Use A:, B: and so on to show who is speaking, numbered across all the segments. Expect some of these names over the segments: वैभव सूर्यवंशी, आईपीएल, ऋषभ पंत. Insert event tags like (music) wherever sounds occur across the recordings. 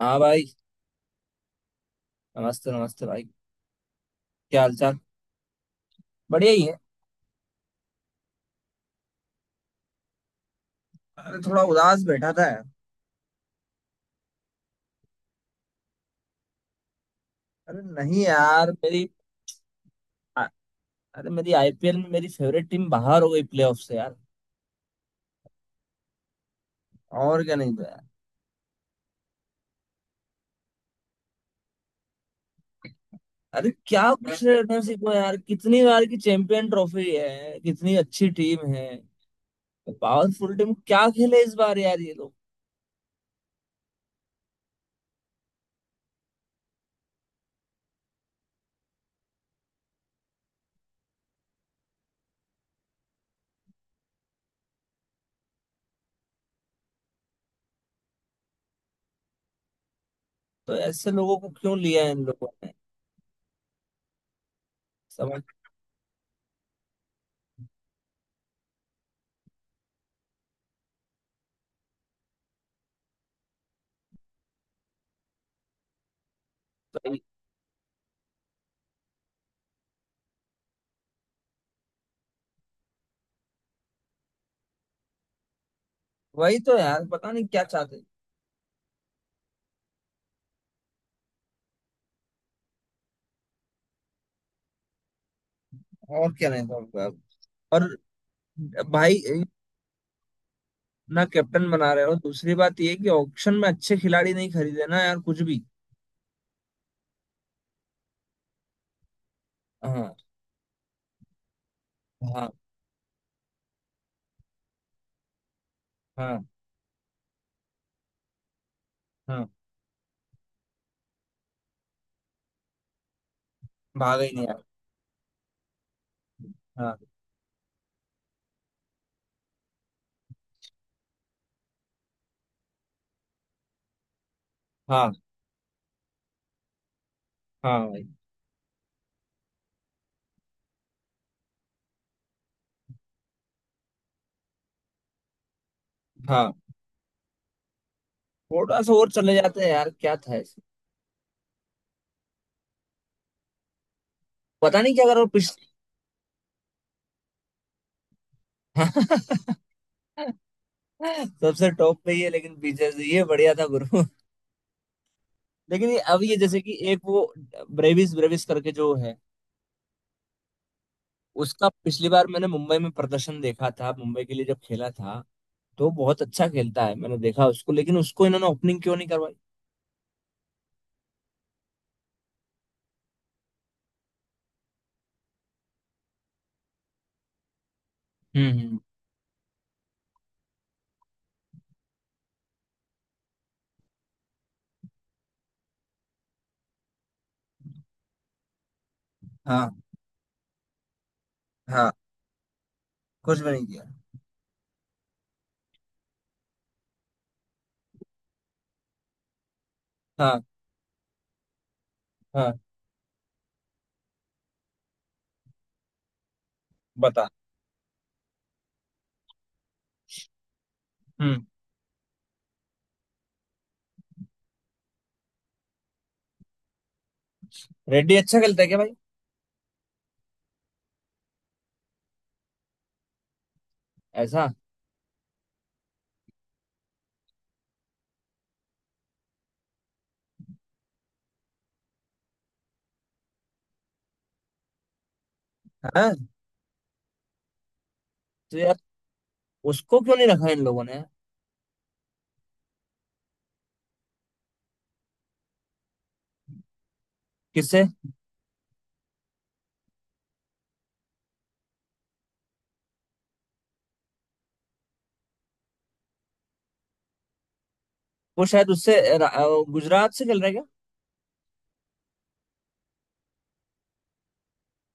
A: हाँ भाई। नमस्ते नमस्ते भाई। क्या हालचाल। बढ़िया ही है। अरे थोड़ा उदास बैठा था यार। अरे नहीं यार मेरी आ- अरे मेरी आईपीएल में मेरी फेवरेट टीम बाहर हो गई प्लेऑफ से यार। और क्या, नहीं तो यार। अरे क्या खुश रहना सीखो यार, कितनी बार की चैंपियन ट्रॉफी है, कितनी अच्छी टीम है। पावरफुल टीम क्या खेले इस बार यार ये लोग। तो ऐसे लोगों को क्यों लिया है इन लोगों ने। समझ। वही वही तो यार, पता नहीं क्या चाहते हैं। और क्या, नहीं समझ पाया। और भाई, ना कैप्टन बना रहे हो, दूसरी बात ये है कि ऑक्शन में अच्छे खिलाड़ी नहीं खरीदे ना यार कुछ भी। हाँ। हाँ। हाँ। हाँ। भागा ही नहीं यार। हाँ। हाँ। हाँ भाई। हाँ। थोड़ा सा और चले जाते हैं यार, क्या था इसमें। पता नहीं क्या करो पिछ। (laughs) सबसे टॉप पे ही है लेकिन पीछे से ये बढ़िया था गुरु। लेकिन ये अब ये जैसे कि एक वो ब्रेविस ब्रेविस करके जो है, उसका पिछली बार मैंने मुंबई में प्रदर्शन देखा था, मुंबई के लिए जब खेला था। तो बहुत अच्छा खेलता है, मैंने देखा उसको, लेकिन उसको इन्होंने ओपनिंग क्यों नहीं करवाई। हम्म। हम्म। हाँ। हाँ। कुछ भी नहीं किया। हाँ। हाँ। बता। हम्म। रेड्डी अच्छा खेलता है क्या भाई। ऐसा। हाँ। तो यार उसको क्यों नहीं रखा इन लोगों ने यार? किससे। वो शायद उससे गुजरात से खेल रहा है क्या।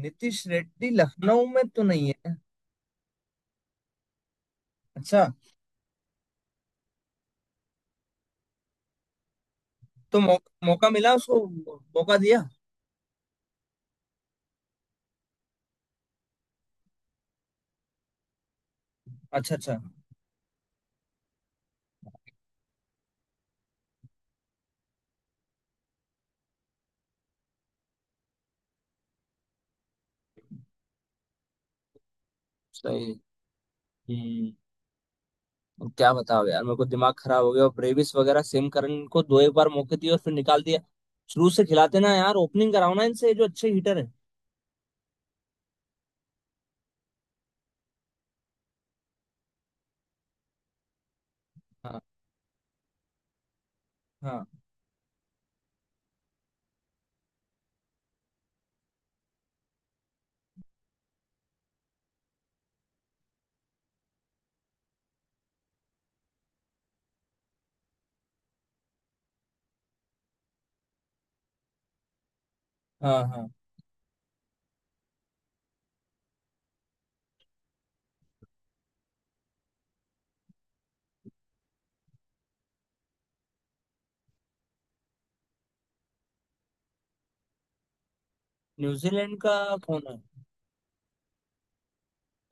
A: नीतीश रेड्डी लखनऊ में तो नहीं है। अच्छा। तो मौका मिला उसको। मौका दिया। अच्छा अच्छा। सही है। हम्म। अब क्या बताओ यार, मेरे को दिमाग खराब हो गया और ब्रेविस वगैरह सेमकरन को दो एक बार मौके दिए और फिर निकाल दिया। शुरू से खिलाते ना यार, ओपनिंग कराओ ना इनसे जो अच्छे हीटर है। हाँ। हाँ। हाँ। हाँ। न्यूजीलैंड का। कौन है।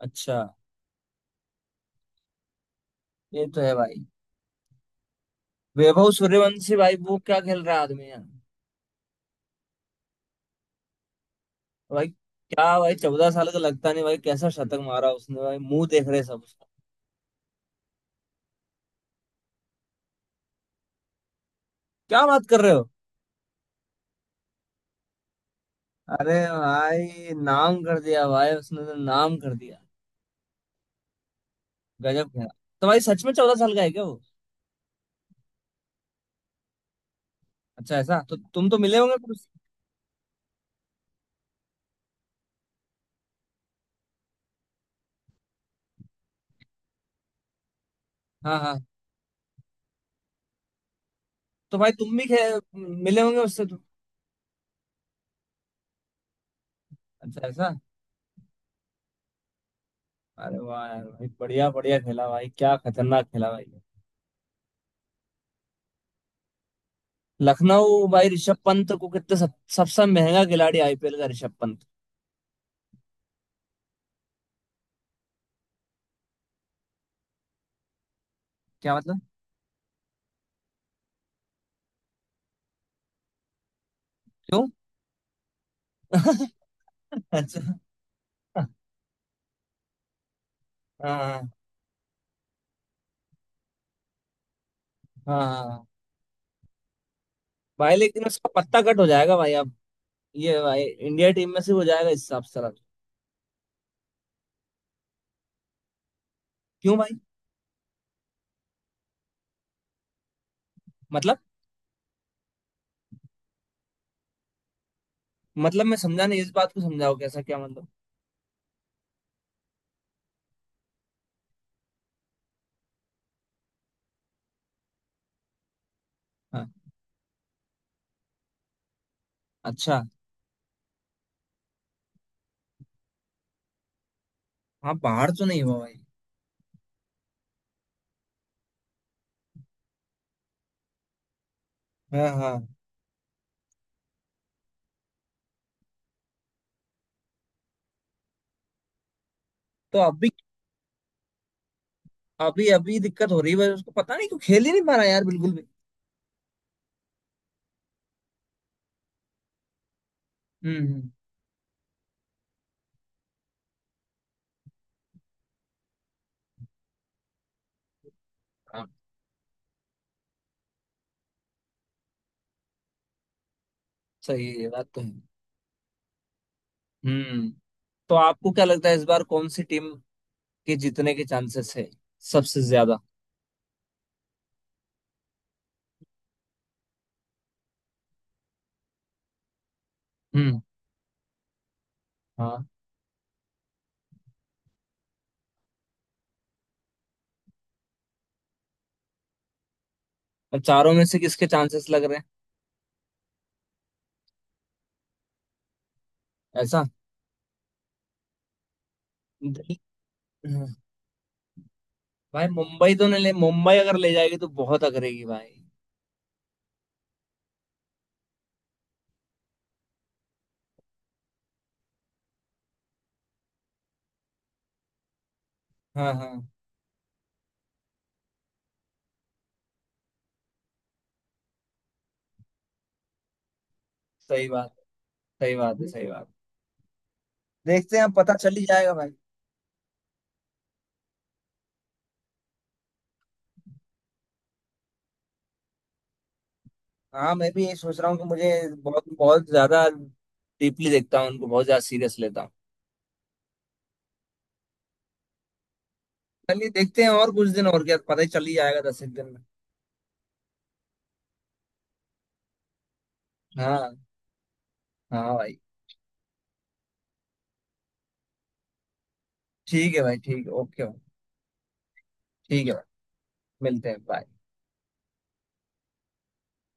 A: अच्छा। ये तो है भाई। वैभव सूर्यवंशी भाई, वो क्या खेल रहा है आदमी यार। भाई क्या भाई, 14 साल का लगता नहीं भाई, कैसा शतक मारा उसने भाई, मुंह देख रहे सब उसका। क्या बात कर रहे हो। अरे भाई नाम कर दिया भाई, उसने तो नाम कर दिया। गजब खेला। तो भाई सच में 14 साल का है क्या वो। अच्छा ऐसा, तो तुम तो मिले होंगे कुछ। हाँ हाँ। तो भाई तुम भी खे, मिले होंगे उससे तो। अच्छा ऐसा। अरे वाह यार भाई, बढ़िया बढ़िया खेला भाई, क्या खतरनाक खेला भाई। लखनऊ भाई ऋषभ पंत को कितने सबसे महंगा खिलाड़ी आईपीएल का ऋषभ पंत। क्या मतलब। क्यों। (laughs) अच्छा। हाँ हाँ भाई, लेकिन उसका पत्ता कट हो जाएगा भाई अब। ये भाई इंडिया टीम में से हो जाएगा इस हिसाब से रख। क्यों भाई। मतलब। मतलब मैं समझा नहीं, इस बात को समझाओ कैसा क्या मतलब। हाँ। अच्छा। हाँ बाहर तो नहीं हुआ भाई। हाँ हाँ। तो अभी। अभी दिक्कत हो रही है भाई उसको, पता नहीं क्यों खेल ही नहीं पा रहा यार बिल्कुल भी। हम्म। हाँ। सही है, ये बात तो है। हम्म। तो आपको क्या लगता है इस बार कौन सी टीम के जीतने के चांसेस है सबसे ज्यादा। हम्म। हाँ। अब चारों में से किसके चांसेस लग रहे हैं ऐसा। दिल-, हाँ, भाई मुंबई तो नहीं ले, मुंबई अगर ले जाएगी तो बहुत अगरेगी भाई। हाँ हाँ। सही बात, सही बात है सही बात। देखते हैं, पता चल ही जाएगा भाई। हाँ, मैं भी ये सोच रहा हूँ कि मुझे बहुत बहुत ज्यादा डीपली देखता हूँ उनको, बहुत ज्यादा सीरियस लेता हूँ। चलिए देखते हैं और कुछ दिन, और क्या पता ही चल ही जाएगा 10 एक दिन में। हाँ हाँ भाई। ठीक है भाई ठीक है, ओके भाई। ठीक है, मिलते हैं, बाय।